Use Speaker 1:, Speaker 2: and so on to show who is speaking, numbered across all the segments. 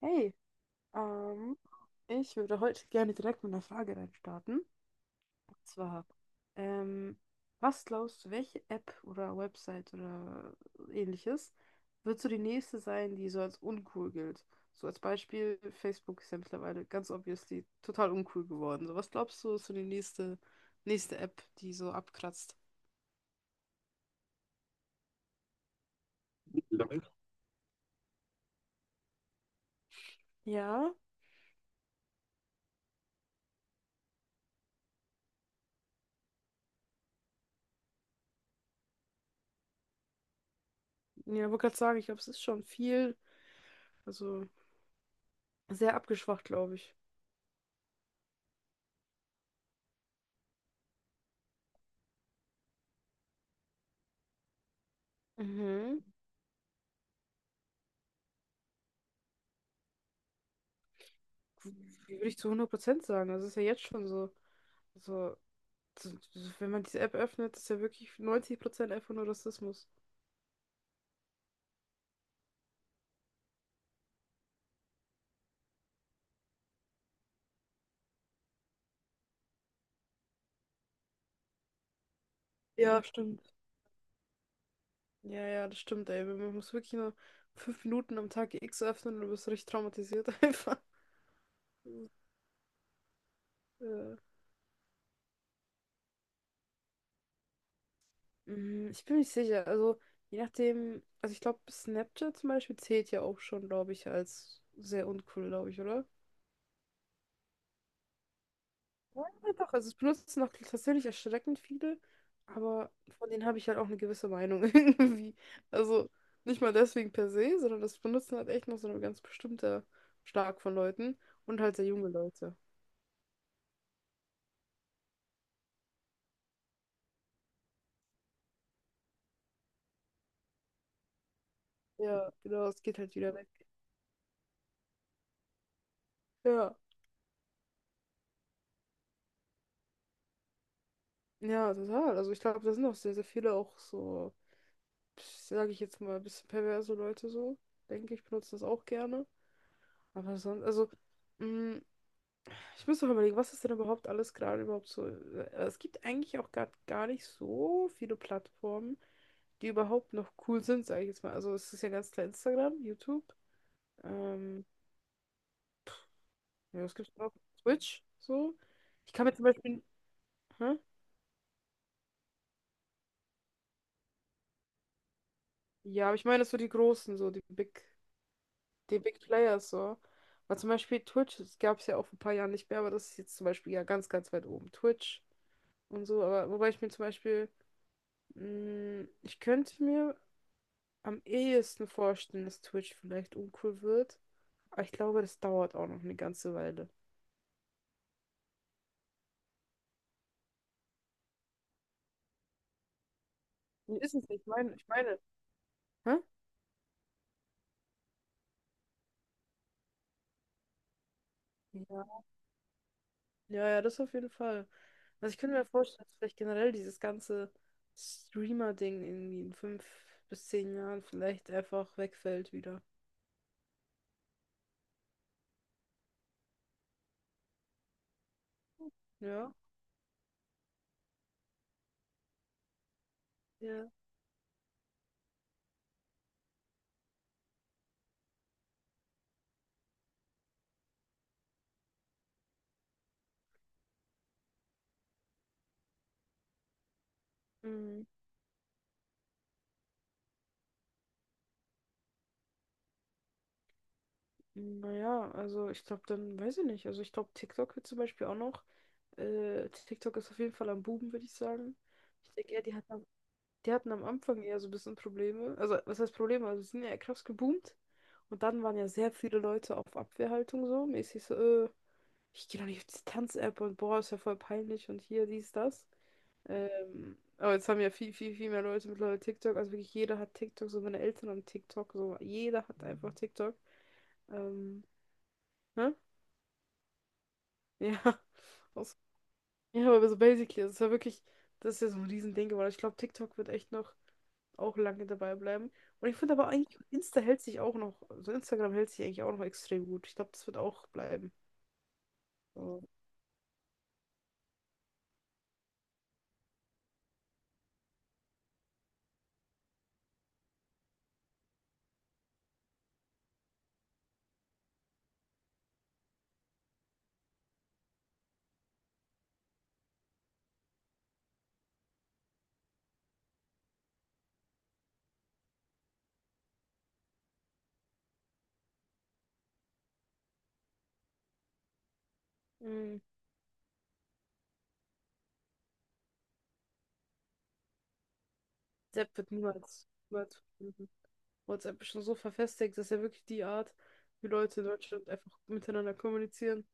Speaker 1: Hey, ähm, ich würde heute gerne direkt mit einer Frage reinstarten. Und zwar, ähm, was glaubst du, welche App oder Website oder ähnliches wird so die nächste sein, die so als uncool gilt? So als Beispiel, Facebook ist ja mittlerweile ganz obviously total uncool geworden. So, was glaubst du, ist so die nächste App, die so abkratzt? Ja, ja, wollte gerade sagen, ich glaube, es ist schon viel, also sehr abgeschwacht, glaube ich. Mhm. Würde ich zu 100% sagen. Das ist ja jetzt schon so. Also, wenn man diese App öffnet, ist ja wirklich 90% einfach nur Rassismus. Ja, stimmt. Ja, ja, das stimmt, ey. Man muss wirklich nur 5 Minuten am Tag X öffnen und du bist richtig traumatisiert einfach. Äh, mm, ich bin nicht sicher. Also, je nachdem, also ich glaube, Snapchat zum Beispiel zählt ja auch schon, glaube ich, als sehr uncool, glaube ich, oder? Ja, doch, also es benutzen noch tatsächlich erschreckend viele, aber von denen habe ich halt auch eine gewisse Meinung irgendwie. Also nicht mal deswegen per se, sondern das benutzen halt echt noch so ein ganz bestimmter Schlag von Leuten und halt sehr junge Leute. Ja, genau, es geht halt wieder weg. Ja, ja, total. Also ich glaube, da sind auch sehr, sehr viele auch so, sage ich jetzt mal, ein bisschen perverse Leute so, denke ich, benutzen das auch gerne. Aber sonst, also, mm, ich muss noch überlegen, was ist denn überhaupt alles gerade überhaupt so? Es gibt eigentlich auch gar nicht so viele Plattformen, die überhaupt noch cool sind, sage ich jetzt mal. Also es ist ja ganz klar Instagram, YouTube. Ähm, ja, was gibt's noch? Twitch, so. Ich kann mir zum Beispiel. Hä? Ja, aber ich meine so die großen, so die Big Players, so. Weil zum Beispiel Twitch, das gab es ja auch vor ein paar Jahren nicht mehr, aber das ist jetzt zum Beispiel ja ganz weit oben. Twitch und so, aber wobei ich mir zum Beispiel, mh, ich könnte mir am ehesten vorstellen, dass Twitch vielleicht uncool wird. Aber ich glaube, das dauert auch noch eine ganze Weile. Nee, ist es nicht, ich meine. Hä? Ja. Ja, ja, das auf jeden Fall. Also ich könnte mir vorstellen, dass vielleicht generell dieses ganze Streamer-Ding irgendwie in 5 bis 10 Jahren vielleicht einfach wegfällt wieder. Ja. Ja. Mhm. Naja, also ich glaube dann, weiß ich nicht. Also ich glaube, TikTok wird zum Beispiel auch noch. TikTok ist auf jeden Fall am Buben, würde ich sagen. Ich denke eher, die hat die hatten am Anfang eher so ein bisschen Probleme. Also, was heißt Probleme? Also, sie sind ja krass geboomt. Und dann waren ja sehr viele Leute auf Abwehrhaltung so. Mäßig so, äh, ich gehe doch nicht auf diese Tanz-App und boah, ist ja voll peinlich und hier, dies, das. Aber jetzt haben ja viel mehr Leute mittlerweile TikTok. Also wirklich jeder hat TikTok, so meine Eltern haben TikTok, so jeder hat einfach TikTok. Ähm, ne? Ja, auch so ja, aber so basically, das ist ja wirklich, das ist ja so ein Riesending geworden. Ich glaube, TikTok wird echt noch auch lange dabei bleiben. Und ich finde aber eigentlich, Insta hält sich auch noch, also Instagram hält sich eigentlich auch noch extrem gut. Ich glaube, das wird auch bleiben. So. Mhm. WhatsApp wird niemals, niemals verschwinden. WhatsApp ist schon so verfestigt, dass ja wirklich die Art, wie Leute in Deutschland einfach miteinander kommunizieren.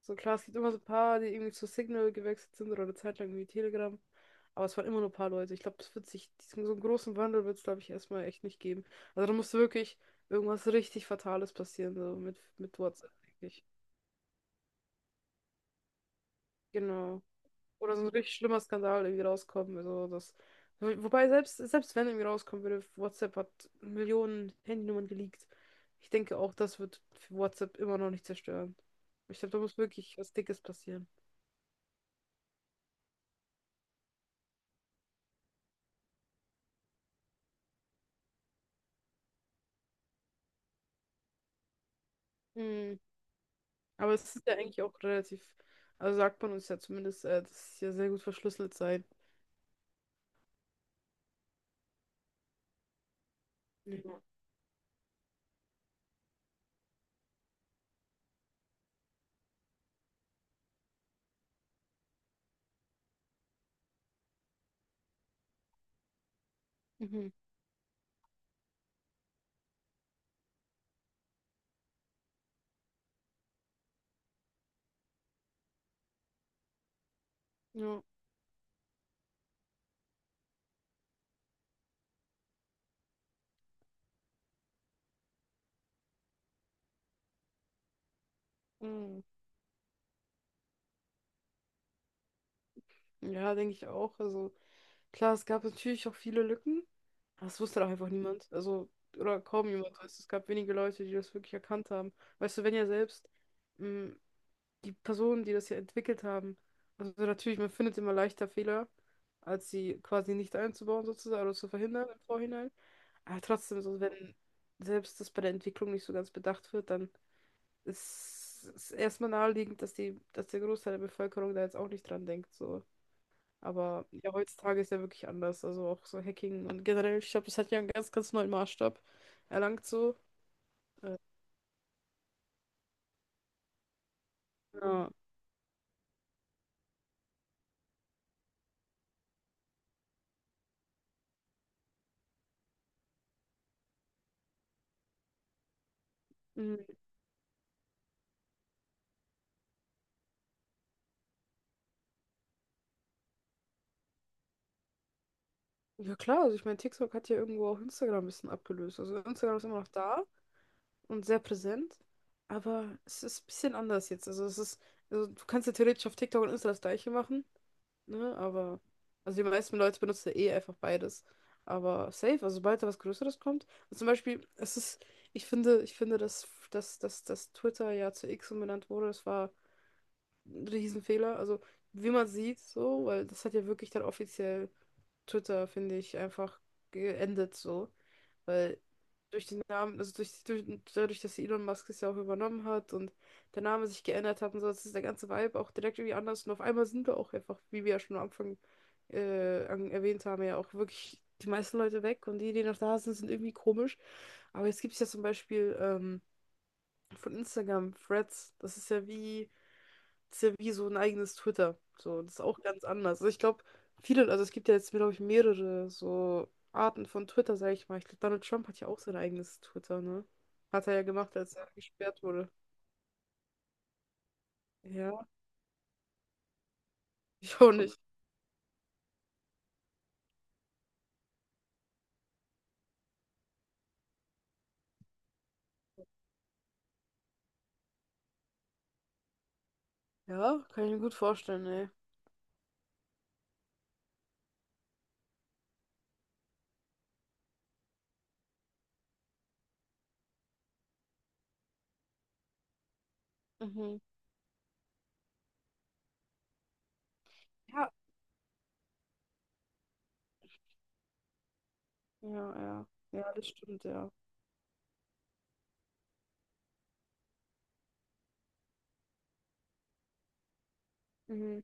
Speaker 1: So klar, es gibt immer so ein paar, die irgendwie zu Signal gewechselt sind oder eine Zeit lang irgendwie Telegram. Aber es waren immer nur ein paar Leute. Ich glaube, das wird sich, diesen, so einen großen Wandel wird es, glaube ich, erstmal echt nicht geben. Also da musste wirklich irgendwas richtig Fatales passieren, so mit WhatsApp, denke ich. Genau. Oder so ein richtig schlimmer Skandal irgendwie rauskommen. Also das. Wobei, selbst wenn irgendwie rauskommen würde, WhatsApp hat Millionen Handynummern geleakt. Ich denke auch, das wird für WhatsApp immer noch nicht zerstören. Ich glaube, da muss wirklich was Dickes passieren. Mm. Aber es ist ja eigentlich auch relativ, also sagt man uns ja zumindest, dass es ja sehr gut verschlüsselt sei. Mhm. Mhm. Ja, mhm. Ja, denke ich auch. Also klar, es gab natürlich auch viele Lücken, aber es wusste doch einfach niemand. Also, oder kaum jemand. Weißt, du, es gab wenige Leute, die das wirklich erkannt haben. Weißt du, wenn ja selbst mh, die Personen, die das ja entwickelt haben, also natürlich, man findet immer leichter Fehler, als sie quasi nicht einzubauen sozusagen oder zu verhindern im Vorhinein. Aber trotzdem, so wenn selbst das bei der Entwicklung nicht so ganz bedacht wird, dann ist es erstmal naheliegend, dass die, dass der Großteil der Bevölkerung da jetzt auch nicht dran denkt. So. Aber ja, heutzutage ist ja wirklich anders. Also auch so Hacking und generell, ich glaube, das hat ja einen ganz neuen Maßstab erlangt so. Äh, ja. Mhm. Ja klar, also ich meine, TikTok hat ja irgendwo auch Instagram ein bisschen abgelöst. Also Instagram ist immer noch da und sehr präsent, aber es ist ein bisschen anders jetzt. Also es ist, also du kannst ja theoretisch auf TikTok und Insta das Gleiche machen. Ne? Aber, also die meisten Leute benutzen ja eh einfach beides. Aber safe, also sobald da was Größeres kommt. Und zum Beispiel, es ist, ich finde, dass Twitter ja zu X umbenannt wurde, das war ein Riesenfehler. Also, wie man sieht, so, weil das hat ja wirklich dann offiziell Twitter, finde ich, einfach geendet, so. Weil durch den Namen, also dadurch, dass Elon Musk es ja auch übernommen hat und der Name sich geändert hat und so, das ist der ganze Vibe auch direkt irgendwie anders. Und auf einmal sind wir auch einfach, wie wir ja schon am Anfang erwähnt haben, ja auch wirklich die meisten Leute weg und die, die noch da sind, sind irgendwie komisch. Aber jetzt gibt es ja zum Beispiel von Instagram Threads. Das ist ja wie so ein eigenes Twitter. So, das ist auch ganz anders. Also ich glaube, viele, also es gibt ja jetzt, glaube ich, mehrere so Arten von Twitter, sage ich mal. Ich glaube, Donald Trump hat ja auch sein eigenes Twitter, ne? Hat er ja gemacht, als er gesperrt wurde. Ja, ich auch nicht. Ja, kann ich mir gut vorstellen, ey. Mhm. Ja, ja, ja. Ja, das stimmt, ja. Mhm.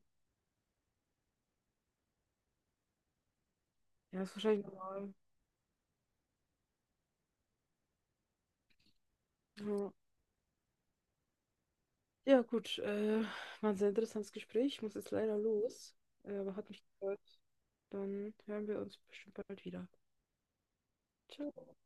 Speaker 1: Ja, ist wahrscheinlich normal. Ja, ja gut. War ein sehr interessantes Gespräch. Ich muss jetzt leider los. Aber hat mich gefreut. Dann hören wir uns bestimmt bald wieder. Ciao.